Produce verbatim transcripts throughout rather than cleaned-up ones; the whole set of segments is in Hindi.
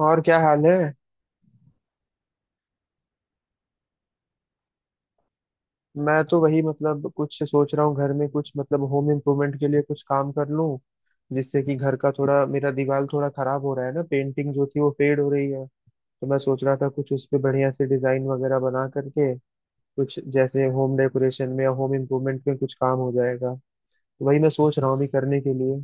और क्या हाल है। मैं तो वही मतलब कुछ सोच रहा हूँ घर में कुछ मतलब होम इम्प्रूवमेंट के लिए कुछ काम कर लूँ, जिससे कि घर का थोड़ा मेरा दीवार थोड़ा खराब हो रहा है ना, पेंटिंग जो थी वो फेड हो रही है। तो मैं सोच रहा था कुछ उस पे बढ़िया से डिजाइन वगैरह बना करके कुछ जैसे होम डेकोरेशन में या होम इम्प्रूवमेंट में कुछ काम हो जाएगा। तो वही मैं सोच रहा हूँ अभी करने के लिए।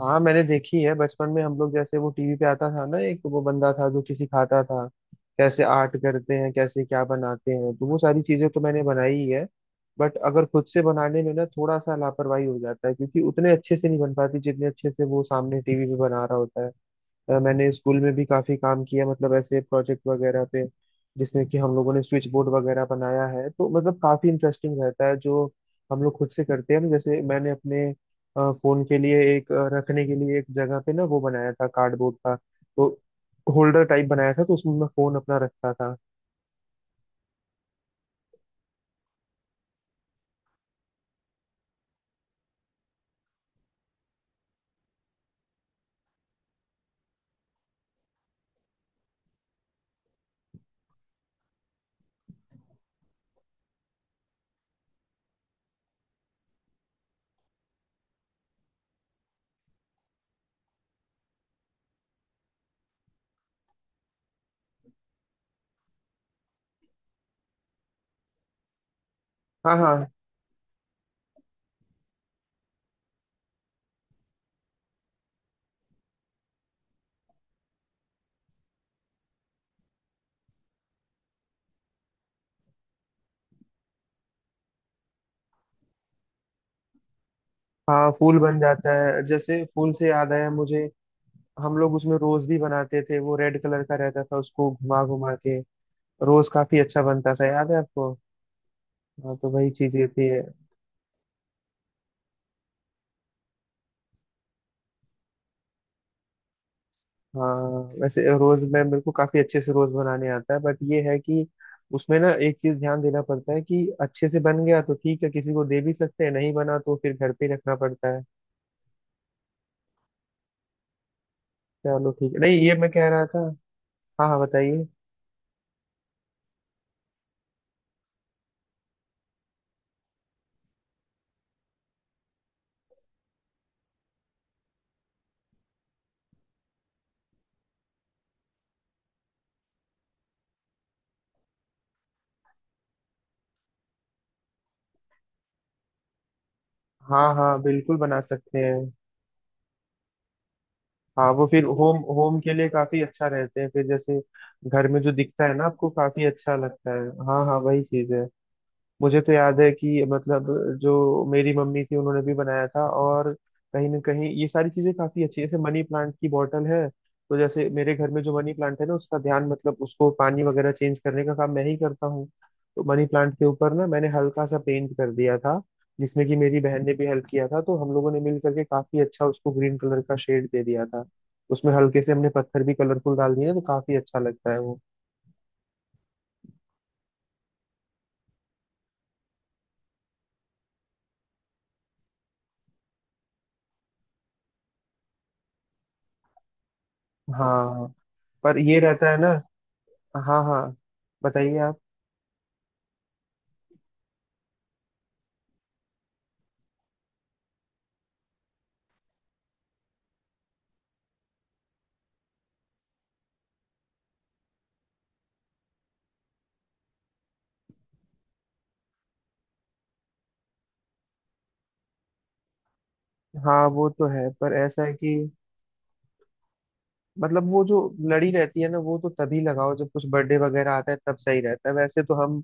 हाँ मैंने देखी है, बचपन में हम लोग जैसे वो टीवी पे आता था ना, एक वो बंदा था जो किसी खाता था, कैसे आर्ट करते हैं, कैसे क्या बनाते हैं, तो वो सारी चीजें तो मैंने बनाई ही है। बट अगर खुद से बनाने में ना थोड़ा सा लापरवाही हो जाता है, क्योंकि उतने अच्छे से नहीं बन पाती जितने अच्छे से वो सामने टीवी पे बना रहा होता है। अ, मैंने स्कूल में भी काफी काम किया, मतलब ऐसे प्रोजेक्ट वगैरह पे, जिसमें कि हम लोगों ने स्विच बोर्ड वगैरह बनाया है। तो मतलब काफी इंटरेस्टिंग रहता है जो हम लोग खुद से करते हैं ना। जैसे मैंने अपने फोन के लिए एक अ, रखने के लिए एक जगह पे ना वो बनाया था कार्डबोर्ड का, तो होल्डर टाइप बनाया था, तो उसमें मैं फोन अपना रखता था। हाँ हाँ। हाँ फूल बन जाता है। जैसे फूल से याद आया मुझे, हम लोग उसमें रोज भी बनाते थे, वो रेड कलर का रहता था, उसको घुमा घुमा के रोज काफी अच्छा बनता था। याद है आपको? हाँ, तो वही चीजें थी। हाँ वैसे रोज मैं मेरे को काफी अच्छे से रोज बनाने आता है, बट ये है कि उसमें ना एक चीज ध्यान देना पड़ता है कि अच्छे से बन गया तो ठीक है, किसी को दे भी सकते हैं, नहीं बना तो फिर घर पे ही रखना पड़ता है। चलो ठीक है, नहीं ये मैं कह रहा था। हाँ हाँ बताइए। हाँ हाँ बिल्कुल बना सकते हैं। हाँ वो फिर होम होम के लिए काफी अच्छा रहते हैं फिर, जैसे घर में जो दिखता है ना आपको काफी अच्छा लगता है। हाँ हाँ वही चीज है। मुझे तो याद है कि मतलब जो मेरी मम्मी थी उन्होंने भी बनाया था। और कहीं ना कहीं ये सारी चीजें काफी अच्छी है, जैसे मनी प्लांट की बॉटल है। तो जैसे मेरे घर में जो मनी प्लांट है ना, उसका ध्यान मतलब उसको पानी वगैरह चेंज करने का काम मैं ही करता हूँ। तो मनी प्लांट के ऊपर ना मैंने हल्का सा पेंट कर दिया था, जिसमें कि मेरी बहन ने भी हेल्प किया था। तो हम लोगों ने मिल करके काफी अच्छा उसको ग्रीन कलर का शेड दे दिया था। उसमें हल्के से हमने पत्थर भी कलरफुल डाल दिए ना, तो काफी अच्छा लगता है वो। हाँ पर ये रहता है ना। हाँ हाँ बताइए आप। हाँ वो तो है, पर ऐसा है कि मतलब वो जो लड़ी रहती है ना, वो तो तभी लगाओ जब कुछ बर्थडे वगैरह आता है, तब सही रहता है, वैसे तो हम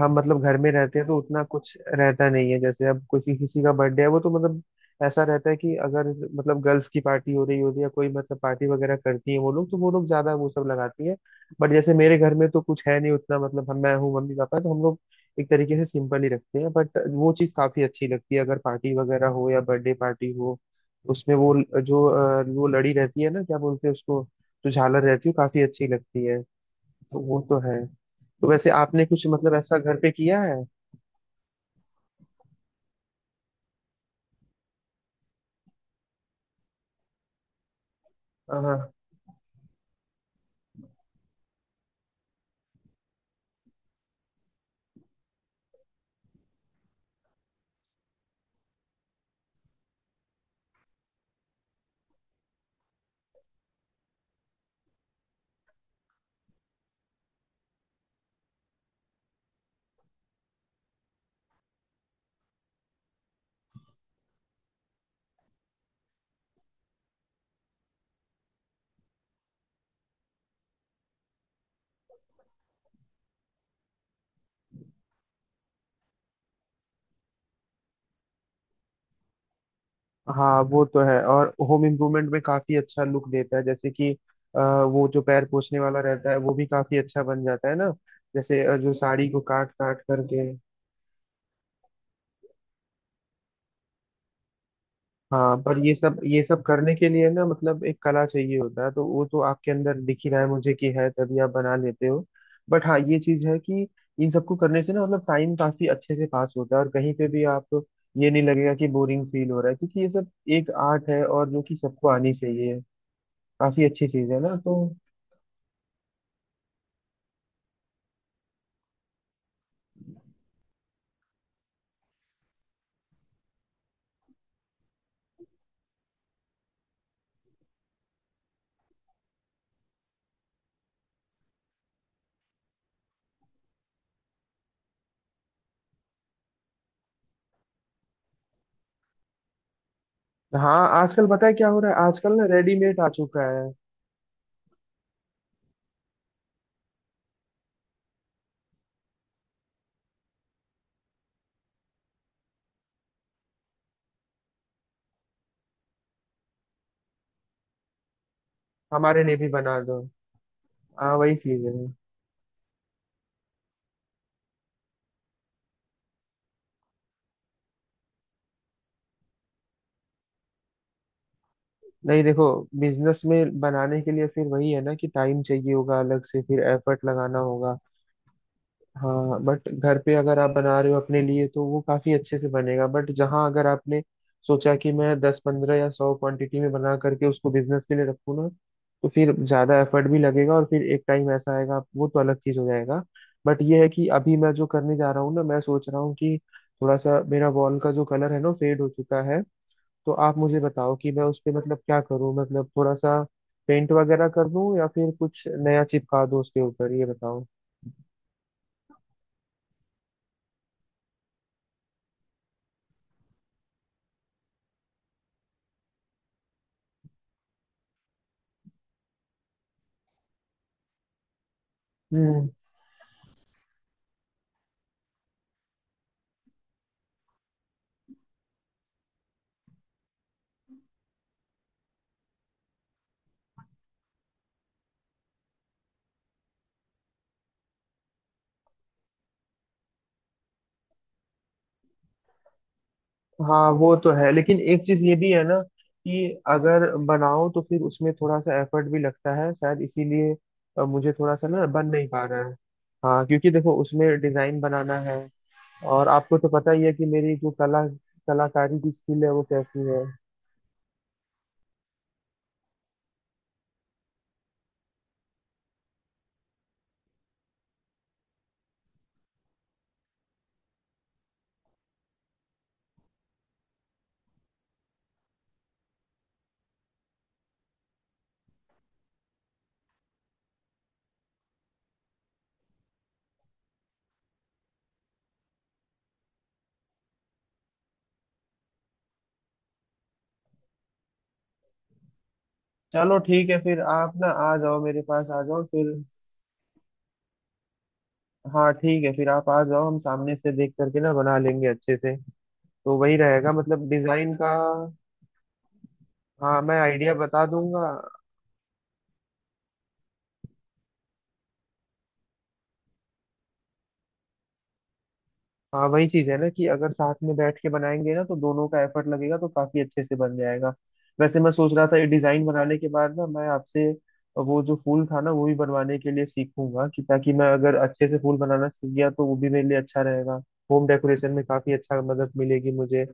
हम मतलब घर में रहते हैं तो उतना कुछ रहता नहीं है। जैसे अब किसी किसी का बर्थडे है, वो तो मतलब ऐसा रहता है कि अगर मतलब गर्ल्स की पार्टी हो रही होती है या कोई मतलब पार्टी वगैरह करती है वो लोग, तो वो लोग ज्यादा वो सब लगाती है। बट जैसे मेरे घर में तो कुछ है नहीं उतना, मतलब हम मैं हूँ, मम्मी पापा, तो हम लोग एक तरीके से सिंपल ही रखते हैं। बट वो चीज़ काफी अच्छी लगती है अगर पार्टी वगैरह हो या बर्थडे पार्टी हो, उसमें वो ल- जो अ, वो लड़ी रहती है ना, क्या बोलते हैं उसको, जो झालर रहती है, वो काफी अच्छी लगती है। तो वो तो है। तो वैसे आपने कुछ मतलब ऐसा घर पे किया है? हाँ हाँ वो तो है, और होम इम्प्रूवमेंट में काफी अच्छा लुक देता है। जैसे कि अ, वो जो पैर पोछने वाला रहता है वो भी काफी अच्छा बन जाता है ना, जैसे अ, जो साड़ी को काट काट करके। हाँ पर ये सब ये सब करने के लिए ना मतलब एक कला चाहिए होता है, तो वो तो आपके अंदर दिख ही रहा है मुझे कि है, तभी आप बना लेते हो। बट हाँ ये चीज है कि इन सबको करने से ना मतलब टाइम काफी अच्छे से पास होता है, और कहीं पे भी आप ये नहीं लगेगा कि बोरिंग फील हो रहा है, क्योंकि ये सब एक आर्ट है और जो कि सबको आनी चाहिए। काफी अच्छी चीज है ना तो। हाँ आजकल पता है क्या हो रहा है, आजकल ना रेडीमेड आ चुका है। हमारे लिए भी बना दो। हाँ वही चीज है। नहीं देखो, बिजनेस में बनाने के लिए फिर वही है ना कि टाइम चाहिए होगा अलग से, फिर एफर्ट लगाना होगा। हाँ बट घर पे अगर आप बना रहे हो अपने लिए तो वो काफी अच्छे से बनेगा, बट जहाँ अगर आपने सोचा कि मैं दस पंद्रह या सौ क्वांटिटी में बना करके उसको बिजनेस के लिए रखूँ ना, तो फिर ज्यादा एफर्ट भी लगेगा और फिर एक टाइम ऐसा आएगा वो तो अलग चीज हो जाएगा। बट ये है कि अभी मैं जो करने जा रहा हूँ ना, मैं सोच रहा हूँ कि थोड़ा सा मेरा वॉल का जो कलर है ना फेड हो चुका है। तो आप मुझे बताओ कि मैं उस पे मतलब क्या करूँ, मतलब थोड़ा सा पेंट वगैरह कर दूं या फिर कुछ नया चिपका दूं उसके ऊपर, ये बताओ। हम्म। हाँ वो तो है, लेकिन एक चीज ये भी है ना कि अगर बनाओ तो फिर उसमें थोड़ा सा एफर्ट भी लगता है, शायद इसीलिए अ, मुझे थोड़ा सा ना बन नहीं पा रहा है। हाँ क्योंकि देखो उसमें डिजाइन बनाना है, और आपको तो पता ही है कि मेरी जो कला कलाकारी की स्किल है वो कैसी है। चलो ठीक है, फिर आप ना आ जाओ, मेरे पास आ जाओ फिर। हाँ ठीक है, फिर आप आ जाओ, हम सामने से देख करके ना बना लेंगे अच्छे से। तो वही रहेगा मतलब डिजाइन का। हाँ मैं आइडिया बता दूंगा। हाँ वही चीज है ना, कि अगर साथ में बैठ के बनाएंगे ना तो दोनों का एफर्ट लगेगा, तो काफी अच्छे से बन जाएगा। वैसे मैं सोच रहा था ये डिजाइन बनाने के बाद ना मैं आपसे वो जो फूल था ना वो भी बनवाने के लिए सीखूंगा, कि ताकि मैं अगर अच्छे से फूल बनाना सीख गया तो वो भी मेरे लिए अच्छा रहेगा, होम डेकोरेशन में काफी अच्छा मदद मिलेगी मुझे।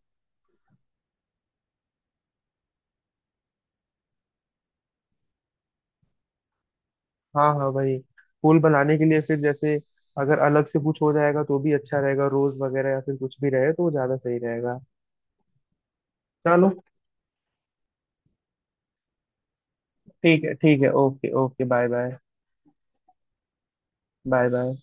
हाँ हाँ भाई। पुल बनाने के लिए फिर जैसे अगर अलग से कुछ हो जाएगा तो भी अच्छा रहेगा, रोज वगैरह या फिर कुछ भी रहे तो वो ज्यादा सही रहेगा। चलो ठीक है। ठीक है, okay okay, bye bye. Bye bye.